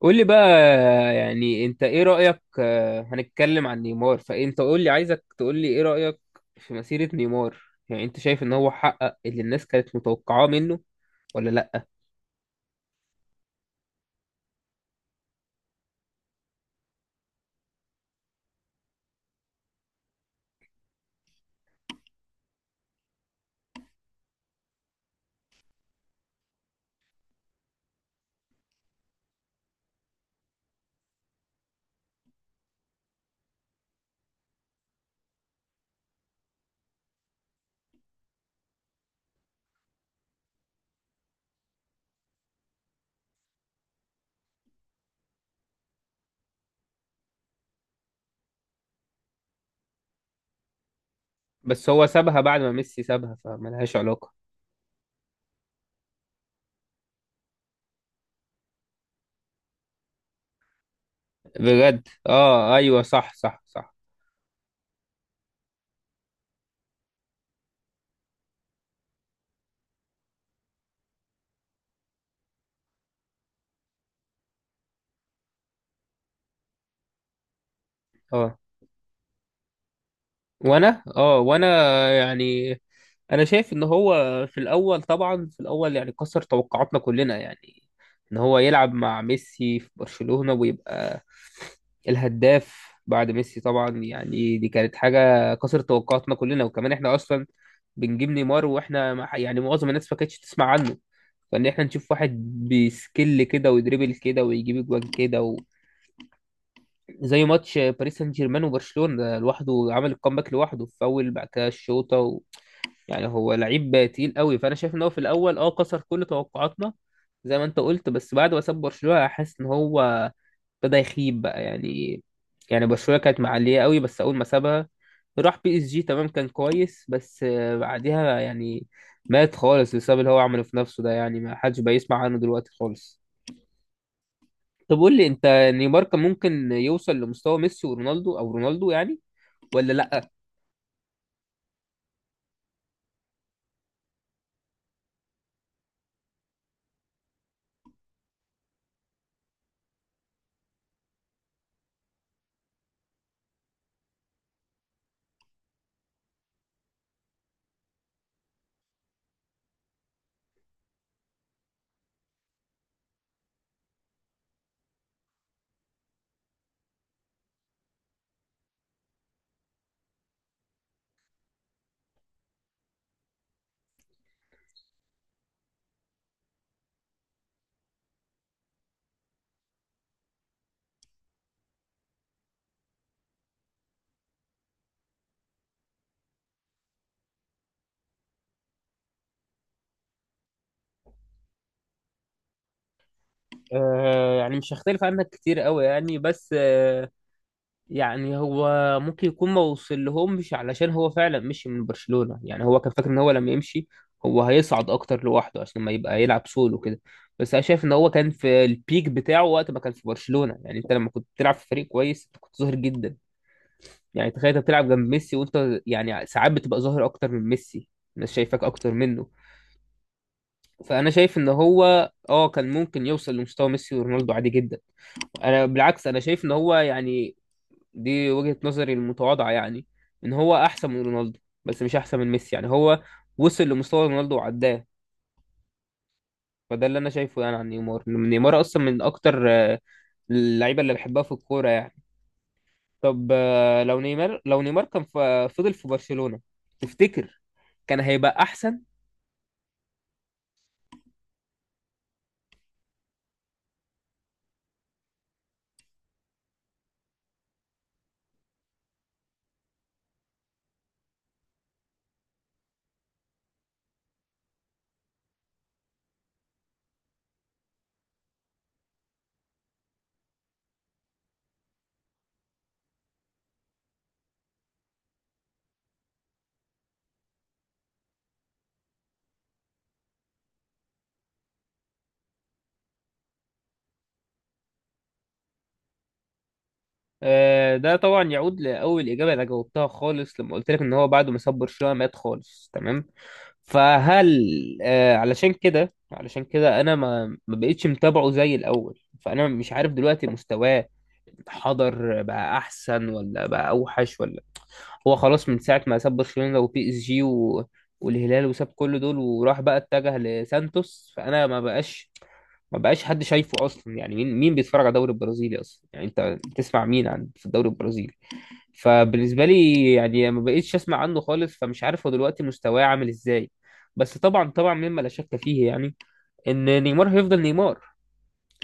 قول لي بقى. يعني انت ايه رأيك، هنتكلم عن نيمار، فانت قول لي، عايزك تقول لي ايه رأيك في مسيرة نيمار. يعني انت شايف ان هو حقق اللي الناس كانت متوقعاه منه ولا لا؟ بس هو سابها بعد ما ميسي سابها فملهاش علاقة. بجد؟ اه، ايوه، صح، صح، صح. اه اه وانا يعني انا شايف ان هو في الاول، طبعا في الاول يعني كسر توقعاتنا كلنا. يعني ان هو يلعب مع ميسي في برشلونة ويبقى الهداف بعد ميسي طبعا. يعني دي كانت حاجة كسرت توقعاتنا كلنا، وكمان احنا اصلا بنجيب نيمار واحنا يعني معظم الناس ما كانتش تسمع عنه، فان احنا نشوف واحد بسكيل كده ويدريبل كده ويجيب اجوان كده، زي ماتش باريس سان جيرمان وبرشلونة، ده لوحده عمل الكومباك لوحده، فاول بعد كده الشوطة يعني هو لعيب تقيل قوي. فأنا شايف إن هو في الأول كسر كل توقعاتنا زي ما أنت قلت. بس بعد ما ساب برشلونة، حاسس إن هو ابتدى يخيب بقى، يعني. يعني برشلونة كانت معلية قوي، بس أول ما سابها راح بي اس جي، تمام، كان كويس، بس بعديها يعني مات خالص بسبب اللي هو عمله في نفسه ده، يعني ما حدش بقى يسمع عنه دلوقتي خالص. طب قول لي انت، نيمار كان ممكن يوصل لمستوى ميسي ورونالدو، او رونالدو يعني، ولا لا؟ آه، يعني مش هختلف عنك كتير قوي، يعني، بس يعني هو ممكن يكون ما وصل لهمش علشان هو فعلا مشي من برشلونة. يعني هو كان فاكر ان هو لما يمشي، هو هيصعد اكتر لوحده، عشان ما يبقى يلعب سولو كده. بس انا شايف ان هو كان في البيك بتاعه وقت ما كان في برشلونة. يعني انت لما كنت بتلعب في فريق كويس، انت كنت ظاهر جدا. يعني تخيل انت بتلعب جنب ميسي، وانت يعني ساعات بتبقى ظاهر اكتر من ميسي، الناس شايفاك اكتر منه. فانا شايف ان هو كان ممكن يوصل لمستوى ميسي ورونالدو عادي جدا. انا بالعكس، انا شايف ان هو، يعني دي وجهة نظري المتواضعة، يعني ان هو احسن من رونالدو بس مش احسن من ميسي. يعني هو وصل لمستوى رونالدو وعداه. فده اللي انا شايفه يعني عن نيمار، إن نيمار اصلا من اكتر اللعيبة اللي بحبها في الكورة يعني. طب، لو نيمار كان فضل في برشلونة، تفتكر كان هيبقى احسن؟ ده طبعا يعود لأول إجابة أنا جاوبتها خالص لما قلت لك إن هو بعد ما ساب برشلونة مات خالص، تمام. فهل، علشان كده، علشان كده أنا ما بقتش متابعه زي الأول، فأنا مش عارف دلوقتي مستواه حضر بقى أحسن ولا بقى أوحش ولا. هو خلاص من ساعة ما ساب برشلونة وبي اس جي والهلال، وساب كل دول، وراح بقى اتجه لسانتوس. فأنا ما بقاش حد شايفه أصلا. يعني مين مين بيتفرج على الدوري البرازيلي أصلا؟ يعني أنت بتسمع مين عن في الدوري البرازيلي؟ فبالنسبة لي يعني ما بقيتش أسمع عنه خالص، فمش عارف هو دلوقتي مستواه عامل إزاي. بس طبعا، طبعا مما لا شك فيه، يعني إن نيمار هيفضل نيمار،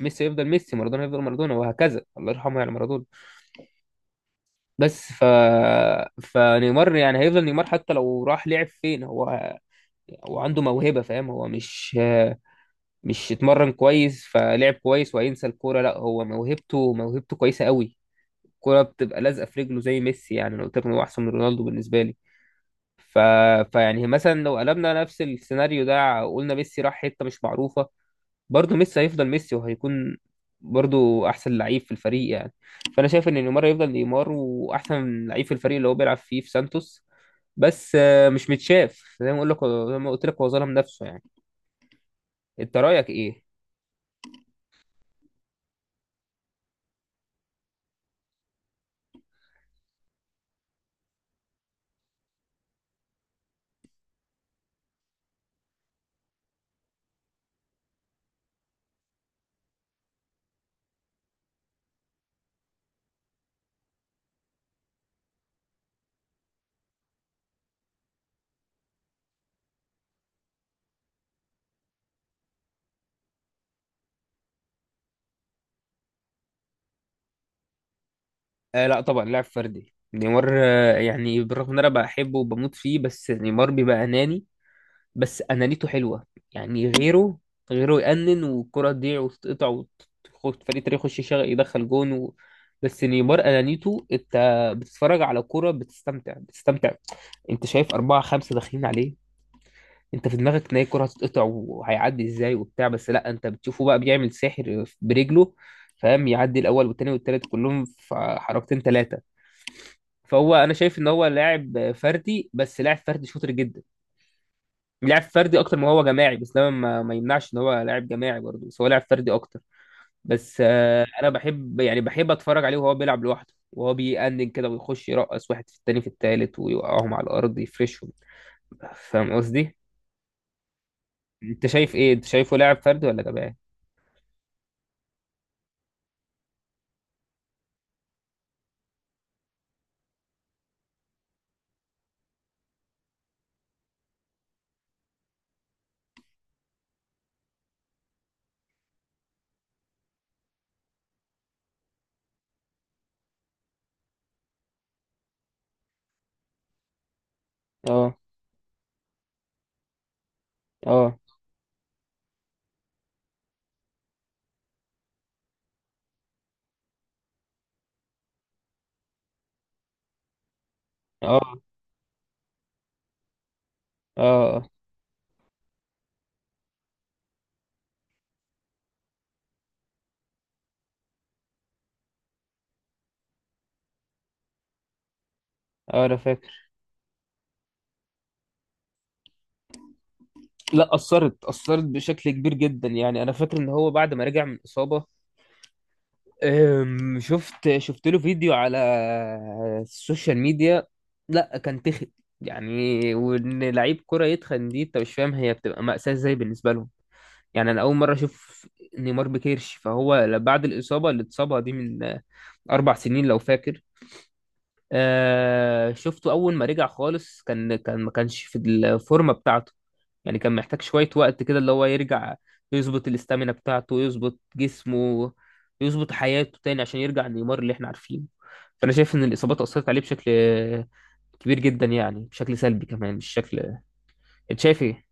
ميسي هيفضل ميسي، مارادونا هيفضل مارادونا، وهكذا. الله يرحمه يعني مارادونا. بس فنيمار يعني هيفضل نيمار حتى لو راح لعب فين. هو عنده موهبة، فاهم؟ هو مش اتمرن كويس فلعب كويس وهينسى الكورة، لا. هو موهبته، موهبته كويسة قوي، الكورة بتبقى لازقة في رجله زي ميسي. يعني انا قلت لك إن هو احسن من رونالدو بالنسبة لي، ف... فيعني مثلا لو قلبنا نفس السيناريو ده، قلنا ميسي راح حتة مش معروفة، برضه ميسي هيفضل ميسي وهيكون برضه احسن لعيب في الفريق يعني. فانا شايف ان نيمار يفضل نيمار، واحسن لعيب في الفريق اللي هو بيلعب فيه في سانتوس، بس مش متشاف زي ما اقول لك، زي ما قلت لك، هو ظلم نفسه يعني. انت رايك ايه؟ آه، لا طبعا لاعب فردي نيمار. يعني بالرغم ان انا بحبه وبموت فيه، بس نيمار بيبقى اناني، بس انانيته حلوه. يعني غيره، غيره يأنن والكرة تضيع وتتقطع وتخش فريق تاني، يخش يشغل يدخل جون بس نيمار انانيته، انت بتتفرج على كرة بتستمتع، بتستمتع. انت شايف أربعة خمسة داخلين عليه، انت في دماغك ان هي الكرة هتتقطع وهيعدي ازاي وبتاع. بس لا، انت بتشوفه بقى بيعمل ساحر برجله، فاهم؟ يعدي الاول والتاني والتالت كلهم في حركتين تلاتة. فهو انا شايف ان هو لاعب فردي، بس لاعب فردي شاطر جدا. لعب فردي اكتر ما هو جماعي. بس ده ما يمنعش ان هو لاعب جماعي برضه، بس هو لاعب فردي اكتر. بس انا بحب يعني بحب اتفرج عليه وهو بيلعب لوحده وهو بيأنن كده ويخش يرقص واحد في التاني في التالت ويوقعهم على الارض، يفرشهم. فاهم قصدي؟ انت شايف ايه، انت شايفه لاعب فردي ولا جماعي؟ اه، اه، اه، اه، اه. انا فاكر. لا، اثرت، اثرت بشكل كبير جدا. يعني انا فاكر ان هو بعد ما رجع من اصابه، شفت له فيديو على السوشيال ميديا، لا كان تخن. يعني وان لعيب كرة يتخن دي، انت مش فاهم هي بتبقى مأساة ازاي بالنسبة لهم. يعني انا اول مرة اشوف نيمار بكيرش. فهو بعد الإصابة اللي اتصابها دي من 4 سنين لو فاكر، شفته اول ما رجع خالص، كان كان ما كانش في الفورمة بتاعته. يعني كان محتاج شوية وقت كده اللي هو يرجع، يظبط الاستامينا بتاعته، يظبط جسمه، يظبط حياته تاني، عشان يرجع نيمار اللي احنا عارفينه. فأنا شايف إن الإصابات أثرت عليه بشكل كبير جدا، يعني بشكل سلبي كمان مش شكل. أنت شايف إيه؟